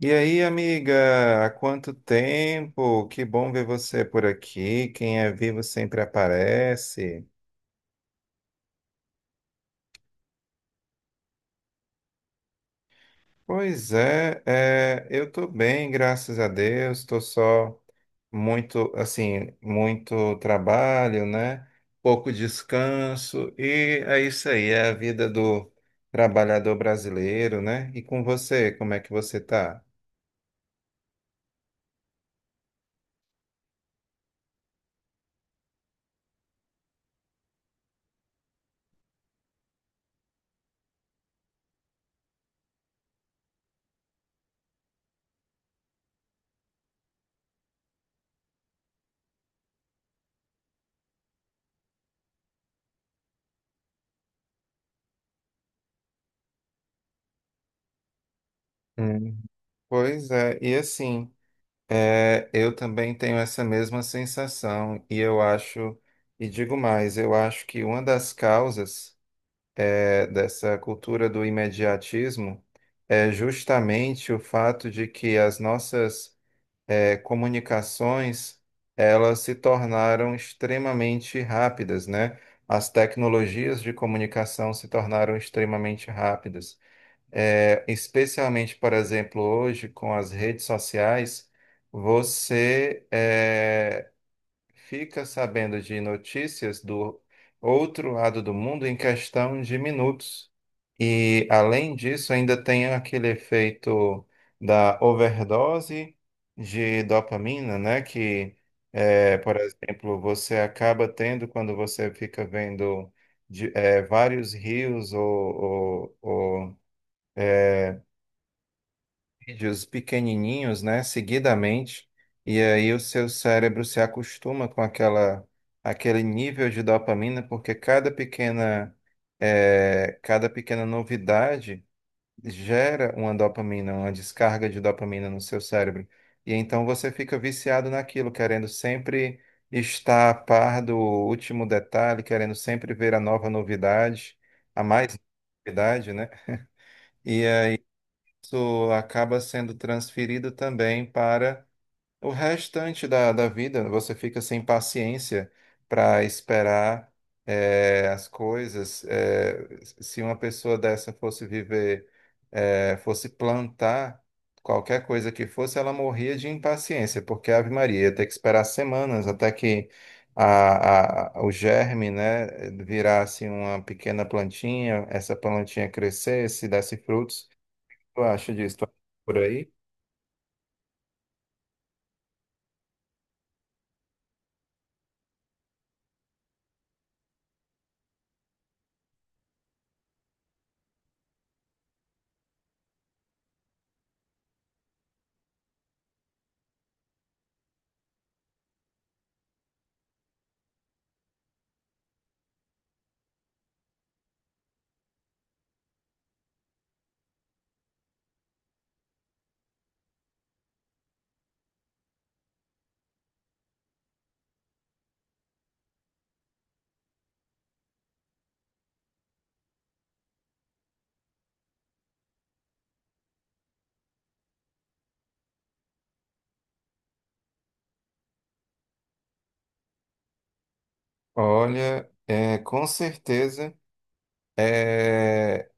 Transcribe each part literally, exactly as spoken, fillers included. E aí, amiga, há quanto tempo? Que bom ver você por aqui. Quem é vivo sempre aparece. Pois é, é, eu tô bem, graças a Deus. Tô só muito, assim, muito trabalho, né? Pouco descanso. E é isso aí, é a vida do trabalhador brasileiro, né? E com você, como é que você tá? Hum. Pois é, e assim. É, eu também tenho essa mesma sensação e eu acho, e digo mais, eu acho que uma das causas é, dessa cultura do imediatismo é justamente o fato de que as nossas é, comunicações elas se tornaram extremamente rápidas, né? As tecnologias de comunicação se tornaram extremamente rápidas. É, especialmente, por exemplo, hoje com as redes sociais, você é, fica sabendo de notícias do outro lado do mundo em questão de minutos. E, além disso, ainda tem aquele efeito da overdose de dopamina, né? Que, é, por exemplo, você acaba tendo quando você fica vendo de- é, vários rios ou, ou- ou vídeos pequenininhos, né, seguidamente, e aí o seu cérebro se acostuma com aquela, aquele nível de dopamina, porque cada pequena, eh, cada pequena novidade gera uma dopamina, uma descarga de dopamina no seu cérebro. E então você fica viciado naquilo, querendo sempre estar a par do último detalhe, querendo sempre ver a nova novidade, a mais novidade, né? E isso acaba sendo transferido também para o restante da, da vida. Você fica sem paciência para esperar eh, as coisas. Eh, se uma pessoa dessa fosse viver, eh, fosse plantar qualquer coisa que fosse, ela morria de impaciência, porque Ave Maria ia ter que esperar semanas até que a, a- o germe, né, virasse uma pequena plantinha, essa plantinha crescesse, desse frutos. Tu acha disso? Tu acha por aí? Olha, é, com certeza é,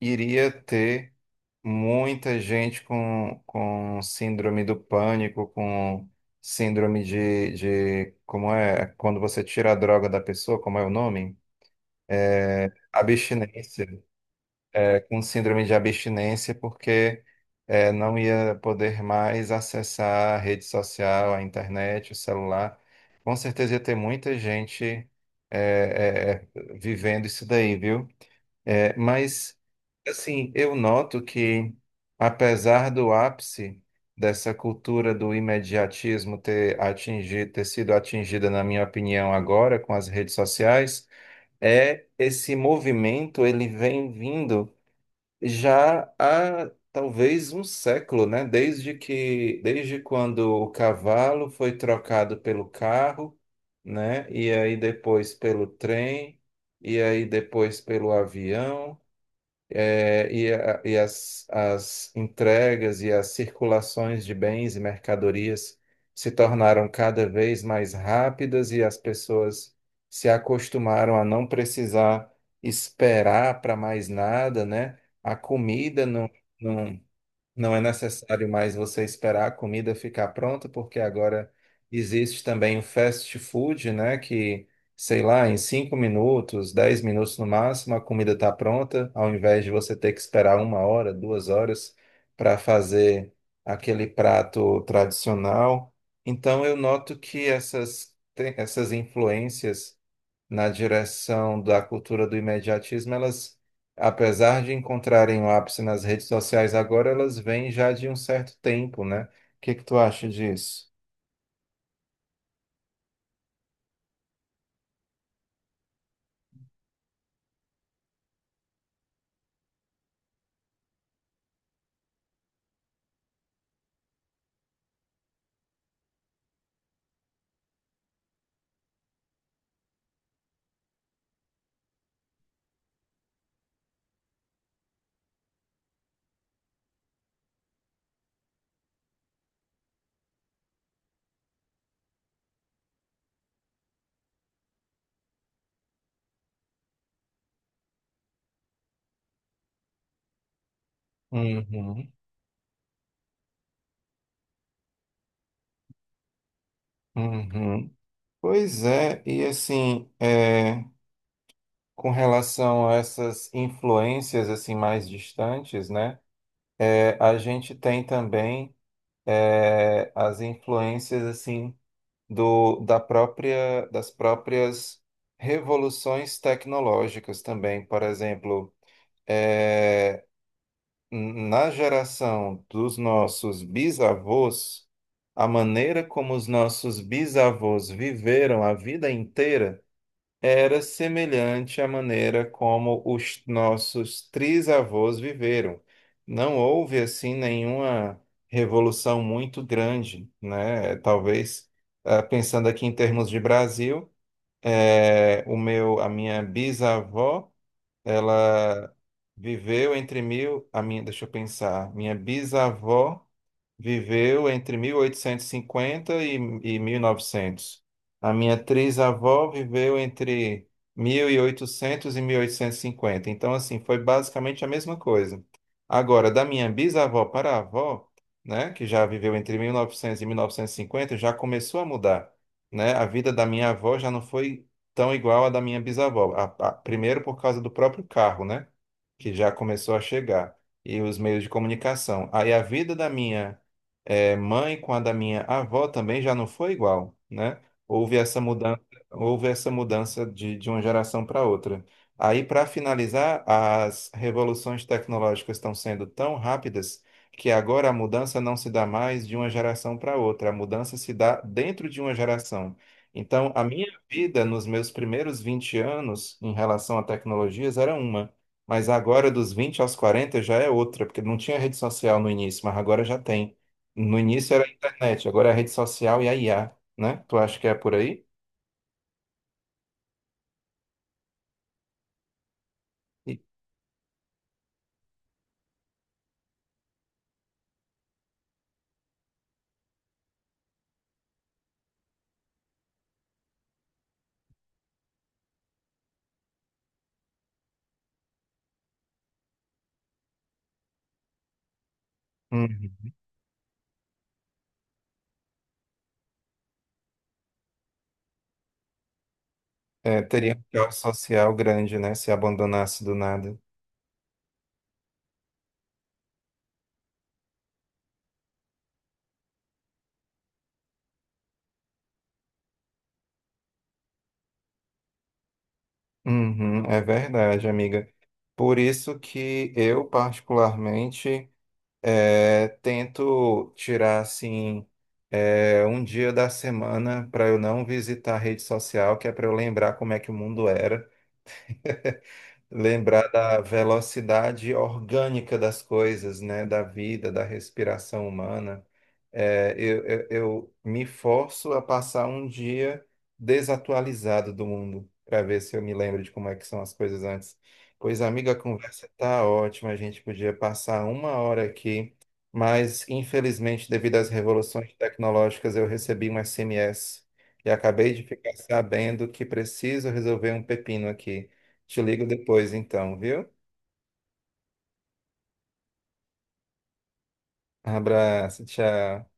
iria ter muita gente com, com síndrome do pânico, com síndrome de, de. Como é? Quando você tira a droga da pessoa, como é o nome? Abstinência. Com síndrome de abstinência porque eh, não ia poder mais acessar a rede social, a internet, o celular. Com certeza ia ter muita gente eh, eh, eh, vivendo isso daí, viu? Eh, mas, assim, eu noto que, apesar do ápice dessa cultura do imediatismo ter atingido, ter sido atingida, na minha opinião, agora com as redes sociais, é esse movimento, ele vem vindo já há talvez um século, né? Desde que, desde quando o cavalo foi trocado pelo carro, né? E aí depois pelo trem, e aí depois pelo avião é, e, a- e as, as entregas e as circulações de bens e mercadorias se tornaram cada vez mais rápidas e as pessoas se acostumaram a não precisar esperar para mais nada, né? A comida não, não, não é necessário mais você esperar a comida ficar pronta, porque agora existe também o fast food, né? Que, sei lá, em cinco minutos, dez minutos no máximo, a comida está pronta, ao invés de você ter que esperar uma hora, duas horas para fazer aquele prato tradicional. Então, eu noto que essas, te- essas influências na direção da cultura do imediatismo, elas, apesar de encontrarem o ápice nas redes sociais agora, elas vêm já de um certo tempo, né? O que que tu acha disso? Uhum, uhum. Pois é, e assim, é, com relação a essas influências assim mais distantes, né? É, a gente tem também é, as influências assim do, da própria, das próprias revoluções tecnológicas também. Por exemplo, eh, na geração dos nossos bisavós, a maneira como os nossos bisavós viveram a vida inteira era semelhante à maneira como os nossos trisavós viveram. Não houve, assim, nenhuma revolução muito grande, né? Talvez, ah, pensando aqui em termos de Brasil, eh, o meu, a minha bisavó, ela viveu entre mil, a minha, deixa eu pensar, minha bisavó viveu entre mil oitocentos e, cinquenta e e mil e novecentos. A minha trisavó viveu entre mil e oitocentos oitocentos e e mil oitocentos e cinquenta. Então, assim, foi basicamente a mesma coisa. Agora, da minha bisavó para a avó, né, que já viveu entre mil novecentos e novecentos e mil novecentos e cinquenta, já começou a mudar, né? A vida da minha avó já não foi tão igual à da minha bisavó. A- a- primeiro por causa do próprio carro, né, que já começou a chegar e os meios de comunicação. Aí a vida da minha é, mãe com a da minha avó também já não foi igual, né? Houve essa mudança, houve essa mudança de, de uma geração para outra. Aí, para finalizar, as revoluções tecnológicas estão sendo tão rápidas que agora a mudança não se dá mais de uma geração para outra, a mudança se dá dentro de uma geração. Então, a minha vida nos meus primeiros vinte anos em relação a tecnologias era uma, mas agora dos vinte aos quarenta já é outra, porque não tinha rede social no início, mas agora já tem. No início era a internet, agora é a rede social e a I A, né? Tu acha que é por aí? E- Uhum. É, teria um caos social grande, né? Se abandonasse do nada. Uhum, é verdade, amiga. Por isso que eu, particularmente, é, tento tirar, assim, é, um dia da semana para eu não visitar a rede social, que é para eu lembrar como é que o mundo era, lembrar da velocidade orgânica das coisas, né? Da vida, da respiração humana. É, eu, eu, eu me forço a passar um dia desatualizado do mundo, para ver se eu me lembro de como é que são as coisas antes. Pois, amiga, a conversa tá ótima, a gente podia passar uma hora aqui, mas infelizmente, devido às revoluções tecnológicas, eu recebi um S M S e acabei de ficar sabendo que preciso resolver um pepino aqui. Te ligo depois, então, viu? Abraço, tchau.